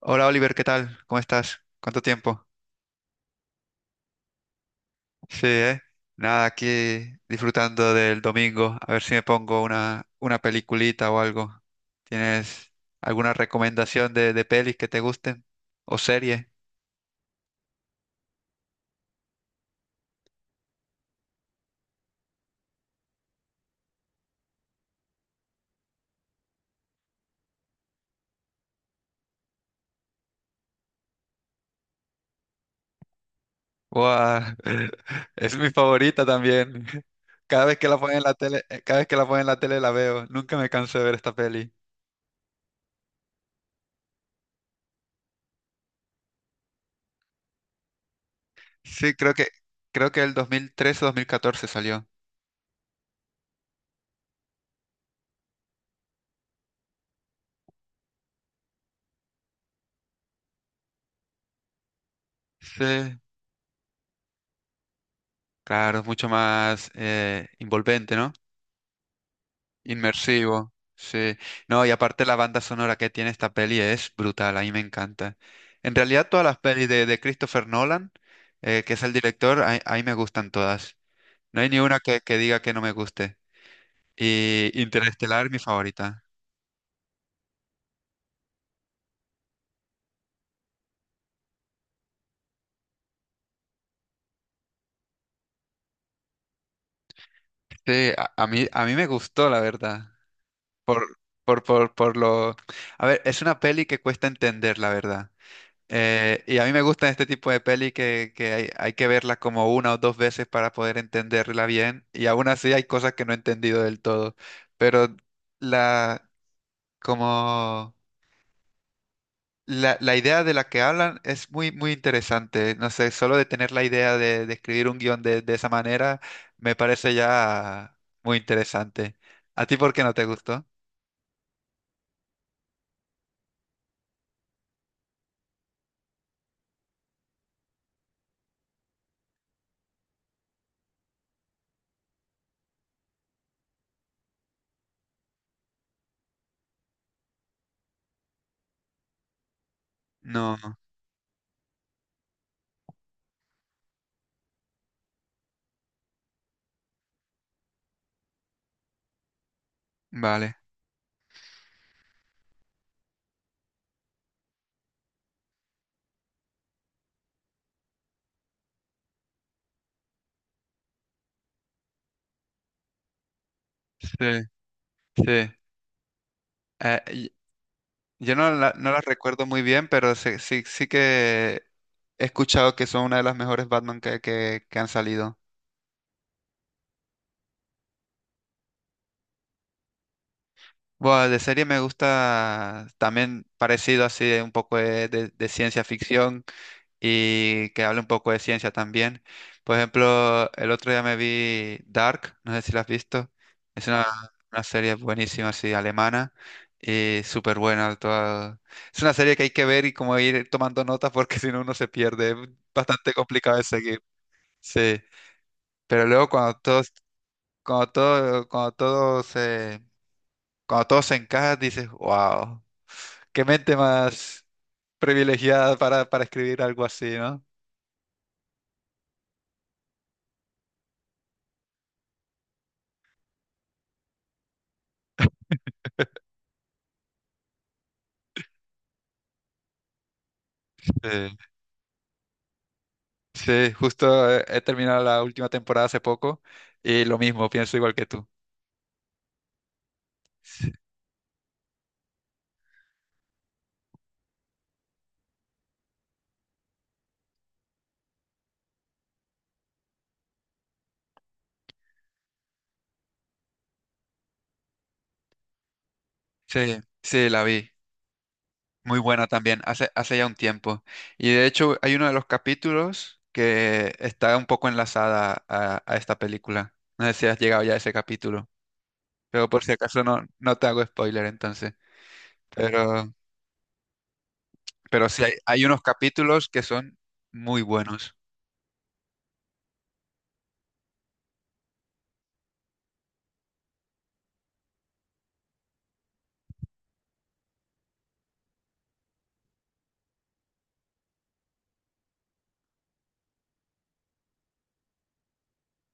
Hola Oliver, ¿qué tal? ¿Cómo estás? ¿Cuánto tiempo? Sí, ¿eh? Nada, aquí disfrutando del domingo. A ver si me pongo una peliculita o algo. ¿Tienes alguna recomendación de pelis que te gusten? ¿O serie? ¡Guau! Es mi favorita también. Cada vez que la ponen en la tele, cada vez que la ponen en la tele la veo. Nunca me canso de ver esta peli. Sí, creo que el 2013 o 2014 salió. Sí. Claro, es mucho más envolvente, ¿no? Inmersivo, sí. No, y aparte la banda sonora que tiene esta peli es brutal, a mí me encanta. En realidad todas las pelis de Christopher Nolan, que es el director, a mí me gustan todas. No hay ni una que diga que no me guste. Y Interestelar, mi favorita. Sí, a mí, a mí me gustó, la verdad. Por, por lo... A ver, es una peli que cuesta entender, la verdad. Y a mí me gustan este tipo de peli que hay que verla como una o dos veces para poder entenderla bien. Y aún así hay cosas que no he entendido del todo. Pero la, como la idea de la que hablan es muy, muy interesante. No sé, solo de tener la idea de escribir un guión de esa manera me parece ya muy interesante. ¿A ti por qué no te gustó? No, vale. Sí, sí. Eh, Yo no, la- no las recuerdo muy bien, pero sí, sí, sí que he escuchado que son una de las mejores Batman que que han salido. Bueno, de serie me gusta también parecido así, de un poco de de ciencia ficción y que hable un poco de ciencia también. Por ejemplo, el otro día me vi Dark, no sé si la has visto. Es una serie buenísima así, alemana y súper buena. Toda- Es una serie que hay que ver y como ir tomando notas porque si no uno se pierde. Es bastante complicado de seguir. Sí, pero luego cuando todo, cuando todo se, cuando todo se encaja, dices, wow, qué mente más privilegiada para escribir algo así, ¿no? Sí, sí, justo he terminado la última temporada hace poco y lo mismo, pienso igual que tú. Sí, sí, sí, la vi. Muy buena también, hace ya un tiempo. Y de hecho hay uno de los capítulos que está un poco enlazada a esta película. No sé si has llegado ya a ese capítulo. Pero por si acaso no, no te hago spoiler entonces. Pero, pero sí, hay unos capítulos que son muy buenos.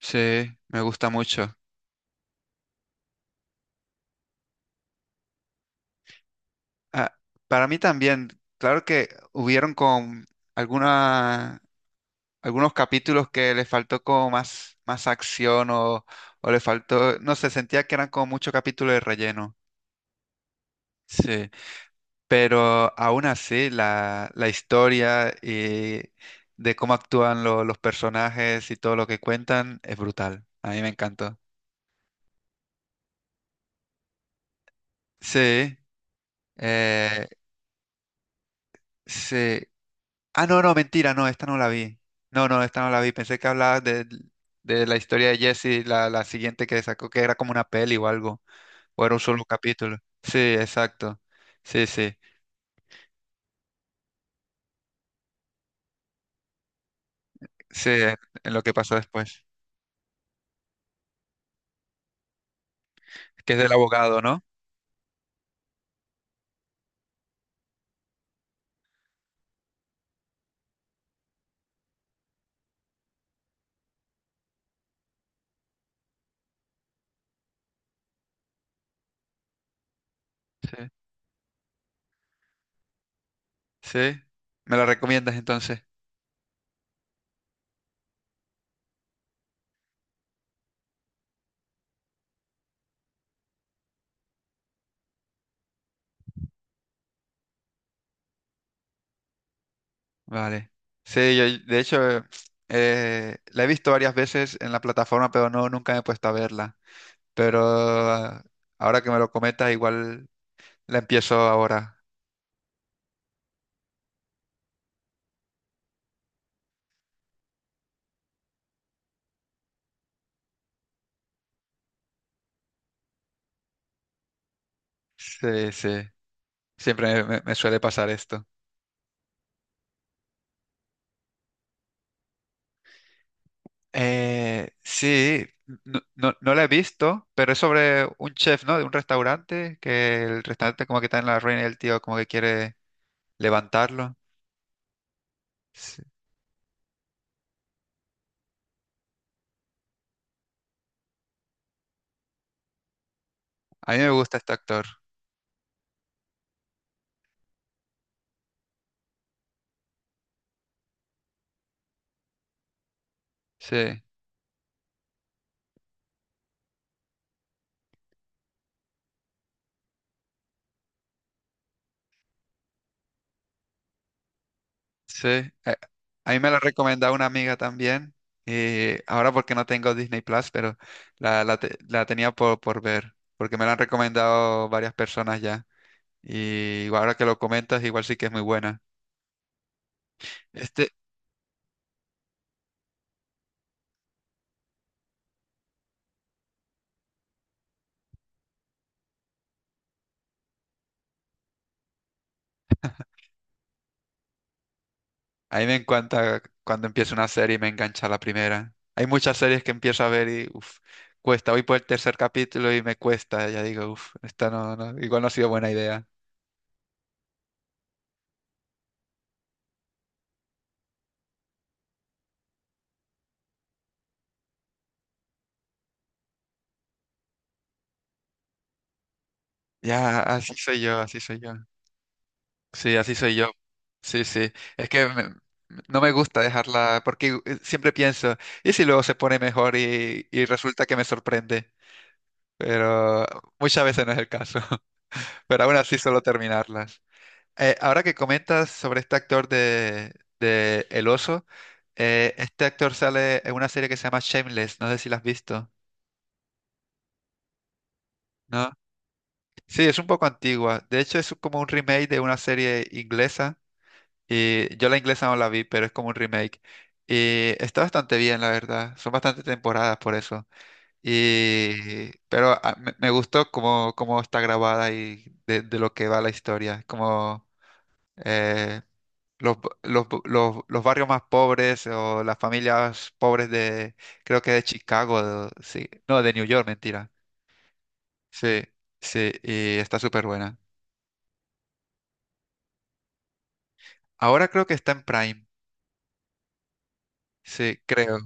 Sí, me gusta mucho. Ah, para mí también, claro que hubieron con alguna, algunos capítulos que le faltó como más, más acción o le faltó, no sé, sentía que eran como mucho capítulo de relleno. Sí. Pero aún así, la historia y de cómo actúan lo- los personajes y todo lo que cuentan es brutal. A mí me encantó. Sí, eh, sí. Ah, no, no, mentira, no, esta no la vi. No, no, esta no la vi. Pensé que hablabas de la historia de Jesse, la siguiente que sacó, que era como una peli o algo, o era un solo capítulo. Sí, exacto. Sí, sí, sí, en lo que pasó después. Que es del abogado, ¿no? Sí. Sí. ¿Me la recomiendas entonces? Vale. Sí, yo de hecho la he visto varias veces en la plataforma, pero no, nunca me he puesto a verla. Pero ahora que me lo comentas, igual la empiezo ahora. Sí, sí. Siempre me, me suele pasar esto. Sí, no, no, no la he visto, pero es sobre un chef, ¿no? De un restaurante, que el restaurante como que está en la ruina y el tío como que quiere levantarlo. Sí. A mí me gusta este actor. Sí. Sí, a mí me la recomendado una amiga también. Y ahora porque no tengo Disney Plus, pero la tenía por ver, porque me la han recomendado varias personas ya. Y ahora que lo comentas, igual sí que es muy buena. Este, a mí me encanta cuando empiezo una serie y me engancha la primera. Hay muchas series que empiezo a ver y uf, cuesta. Voy por el tercer capítulo y me cuesta. Ya digo, uff, esta no, no, igual no ha sido buena idea. Ya, así soy yo, así soy yo. Sí, así soy yo. Sí, sí. Es que me- no me gusta dejarla porque siempre pienso, ¿y si luego se pone mejor y resulta que me sorprende? Pero muchas veces no es el caso. Pero aún así suelo terminarlas. Ahora que comentas sobre este actor de El Oso, este actor sale en una serie que se llama Shameless, no sé si la has visto, ¿no? Sí, es un poco antigua. De hecho, es como un remake de una serie inglesa. Y yo la inglesa no la vi, pero es como un remake. Y está bastante bien, la verdad. Son bastantes temporadas por eso. Y, pero me gustó cómo, cómo está grabada y de lo que va la historia. Como eh, los, los barrios más pobres o las familias pobres de, creo que de Chicago, de- sí. No, de New York, mentira. Sí, sí, y está súper buena. Ahora creo que está en Prime. Sí, creo.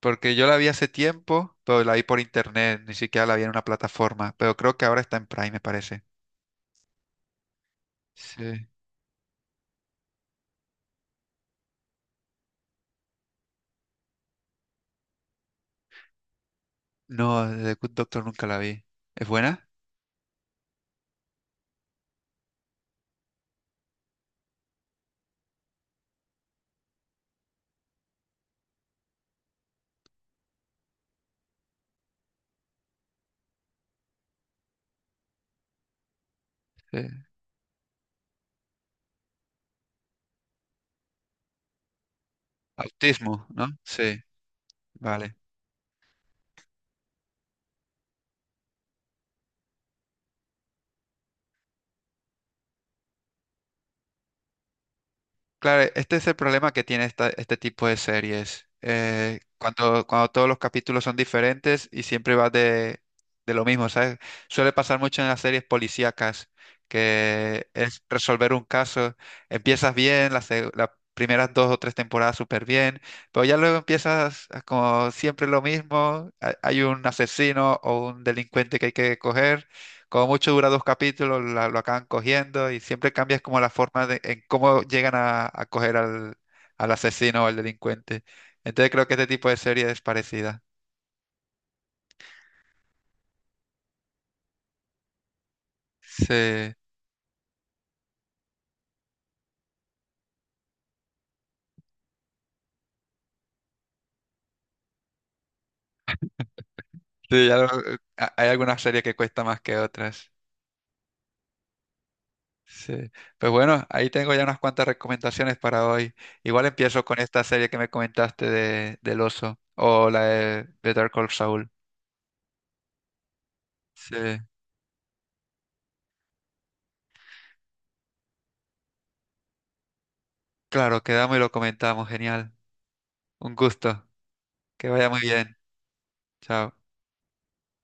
Porque yo la vi hace tiempo, pero la vi por internet, ni siquiera la vi en una plataforma. Pero creo que ahora está en Prime, me parece. Sí. No, The Good Doctor nunca la vi. ¿Es buena? Sí. Autismo, ¿no? Sí, vale. Claro, este es el problema que tiene esta- este tipo de series. Cuando, cuando todos los capítulos son diferentes y siempre va de lo mismo, ¿sabes? Suele pasar mucho en las series policíacas, que es resolver un caso. Empiezas bien, las primeras dos o tres temporadas súper bien, pero ya luego empiezas a como siempre lo mismo. Ha- Hay un asesino o un delincuente que hay que coger como mucho dura dos capítulos, lo acaban cogiendo y siempre cambias como la forma de, en cómo llegan a coger al asesino o al delincuente. Entonces creo que este tipo de serie es parecida. Sí, sí, ya lo- a- hay algunas series que cuesta más que otras. Sí. Pues bueno, ahí tengo ya unas cuantas recomendaciones para hoy. Igual empiezo con esta serie que me comentaste del oso o la de Better Call Saul. Sí, claro, quedamos y lo comentamos. Genial. Un gusto. Que vaya muy bien. Chao.